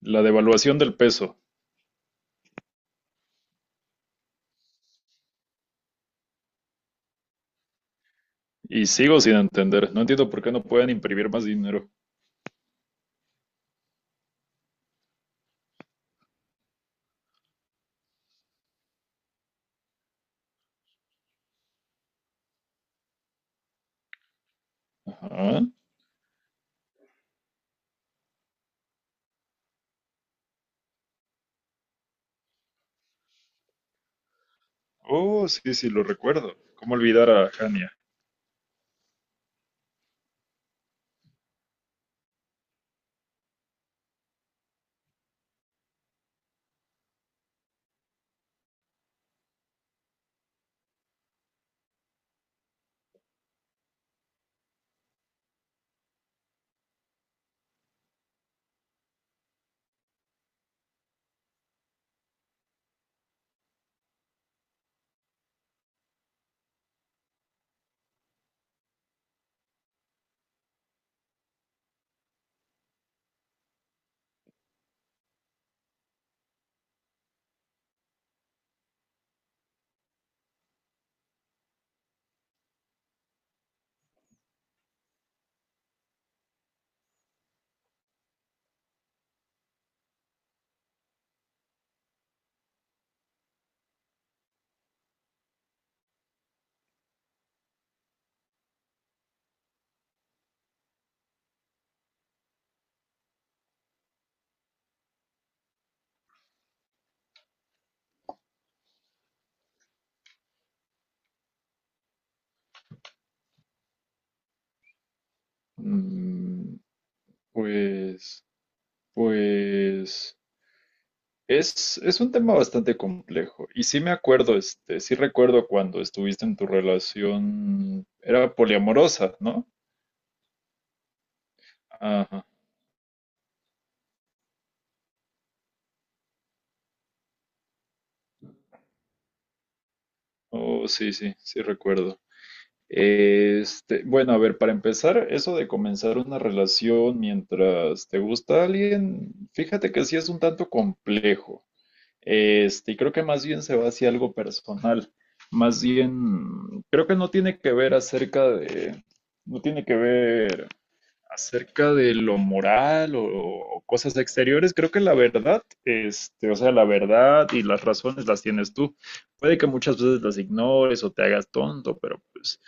La devaluación del peso. Y sigo sin entender. No entiendo por qué no pueden imprimir más dinero. Ajá. Oh, sí, sí, lo recuerdo. ¿Cómo olvidar a Hania? Mm, pues, pues, es un tema bastante complejo. Y sí me acuerdo, sí recuerdo cuando estuviste en tu relación, era poliamorosa, ¿no? Ajá. Oh, sí, sí, sí recuerdo. Bueno, a ver, para empezar, eso de comenzar una relación mientras te gusta alguien, fíjate que sí es un tanto complejo. Y creo que más bien se va hacia algo personal. Más bien, creo que no tiene que ver acerca de, no tiene que ver acerca de lo moral o cosas exteriores. Creo que la verdad, o sea, la verdad y las razones las tienes tú. Puede que muchas veces las ignores o te hagas tonto, pero pues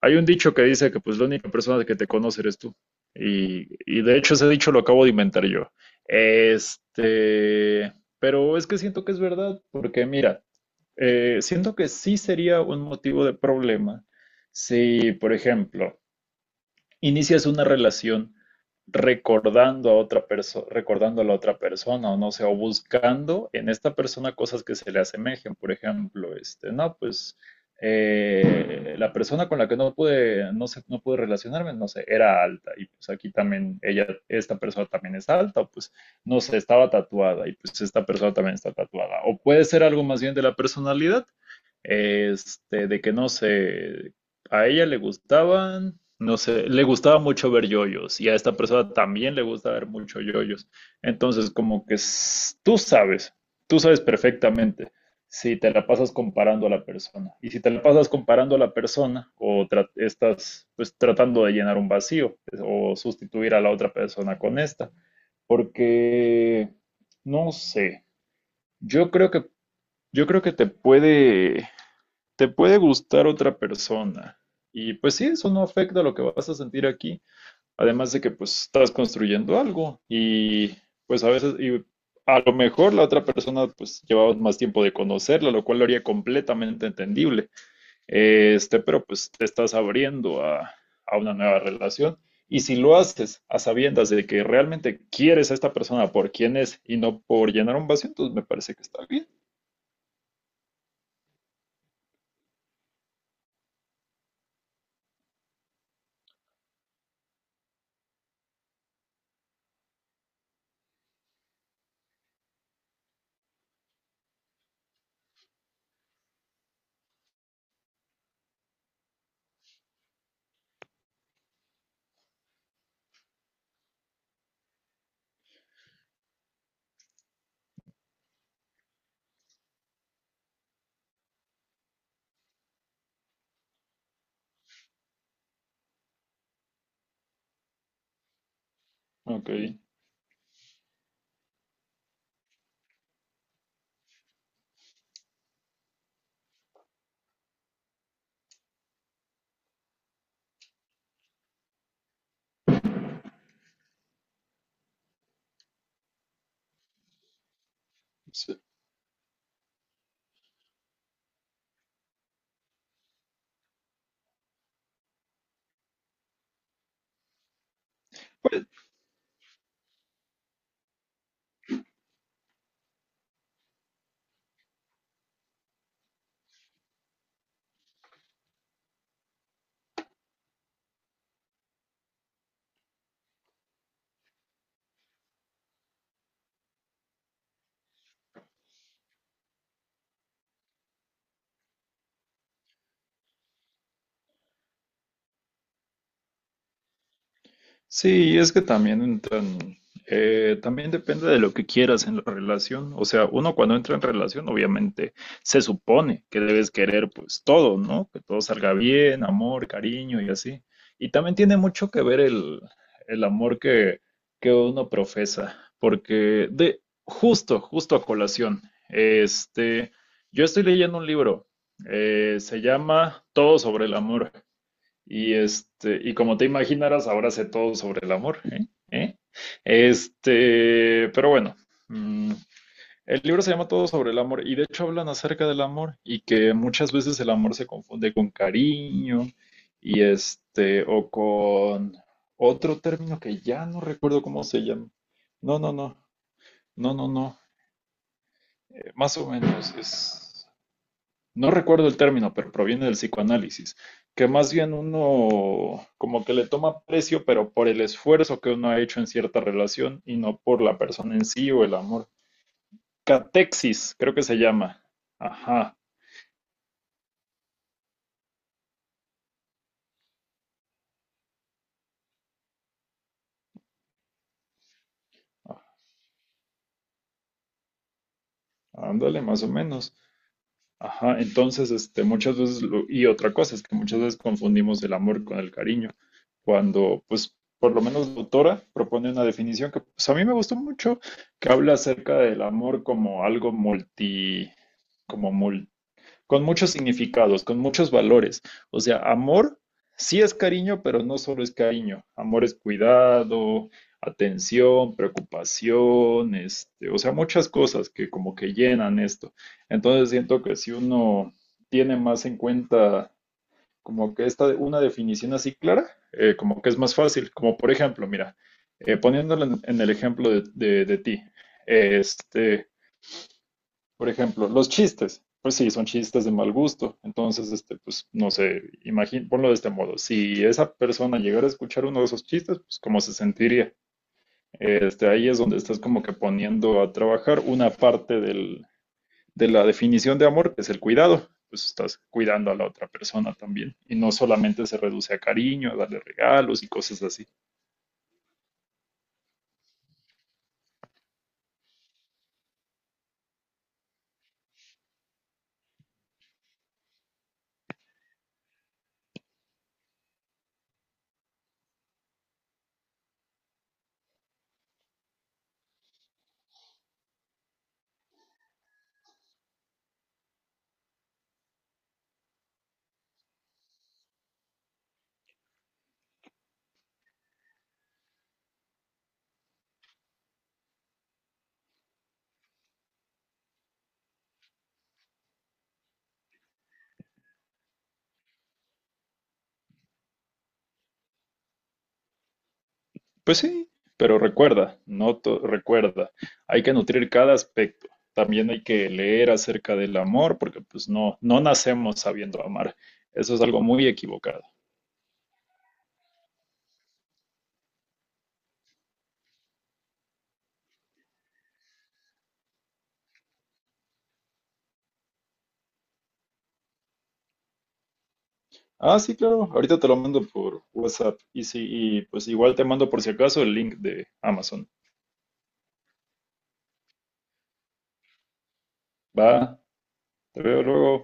hay un dicho que dice que pues la única persona que te conoce eres tú. Y de hecho ese dicho lo acabo de inventar yo. Este, pero es que siento que es verdad, porque mira, siento que sí sería un motivo de problema si, por ejemplo, inicias una relación recordando a la otra persona, o no sé, o buscando en esta persona cosas que se le asemejen. Por ejemplo, no, pues la persona con la que no sé, no pude relacionarme, no sé, era alta, y pues aquí también ella, esta persona también es alta, o pues no sé, estaba tatuada, y pues esta persona también está tatuada. O puede ser algo más bien de la personalidad, de que no sé, a ella le gustaban, no sé, le gustaba mucho ver yoyos y a esta persona también le gusta ver mucho yoyos. Entonces, como que tú sabes perfectamente si te la pasas comparando a la persona. Y si te la pasas comparando a la persona estás pues tratando de llenar un vacío o sustituir a la otra persona con esta, porque no sé, yo creo que yo creo que te puede gustar otra persona. Y pues sí, eso no afecta lo que vas a sentir aquí. Además de que pues estás construyendo algo y pues a veces, y a lo mejor la otra persona pues llevaba más tiempo de conocerla, lo cual lo haría completamente entendible. Pero pues te estás abriendo a una nueva relación. Y si lo haces a sabiendas de que realmente quieres a esta persona por quien es y no por llenar un vacío, entonces me parece que está bien. Ok. Sí. Pues, sí, es que también también depende de lo que quieras en la relación. O sea, uno cuando entra en relación, obviamente se supone que debes querer pues todo, ¿no? Que todo salga bien, amor, cariño y así. Y también tiene mucho que ver el amor que uno profesa, porque de justo, justo a colación, este, yo estoy leyendo un libro, se llama Todo sobre el amor. Y y como te imaginarás, ahora sé todo sobre el amor, ¿eh? ¿Eh? Pero bueno, mm, el libro se llama Todo sobre el amor y de hecho hablan acerca del amor y que muchas veces el amor se confunde con cariño y o con otro término que ya no recuerdo cómo se llama. No, no, no, no, no, no, más o menos es, no recuerdo el término, pero proviene del psicoanálisis, que más bien uno como que le toma precio, pero por el esfuerzo que uno ha hecho en cierta relación y no por la persona en sí o el amor. Catexis, creo que se llama. Ajá, ándale, más o menos. Ajá, entonces, muchas veces, y otra cosa es que muchas veces confundimos el amor con el cariño, cuando, pues, por lo menos la autora propone una definición que, pues, a mí me gustó mucho, que habla acerca del amor como algo multi, como con muchos significados, con muchos valores. O sea, amor sí es cariño, pero no solo es cariño. Amor es cuidado, atención, preocupación, o sea, muchas cosas que como que llenan esto. Entonces siento que si uno tiene más en cuenta como que esta una definición así clara, como que es más fácil. Como por ejemplo, mira, poniéndolo en el ejemplo de ti, este, por ejemplo, los chistes. Pues sí, son chistes de mal gusto. Entonces, pues no sé, imagín, ponlo de este modo. Si esa persona llegara a escuchar uno de esos chistes, pues cómo se sentiría. Ahí es donde estás como que poniendo a trabajar una parte de la definición de amor, que es el cuidado. Pues estás cuidando a la otra persona también. Y no solamente se reduce a cariño, a darle regalos y cosas así. Pues sí, pero recuerda, no to- recuerda, hay que nutrir cada aspecto. También hay que leer acerca del amor, porque pues no, no nacemos sabiendo amar. Eso es algo muy equivocado. Ah, sí, claro, ahorita te lo mando por WhatsApp. Y sí, y pues igual te mando por si acaso el link de Amazon. Va, te veo luego.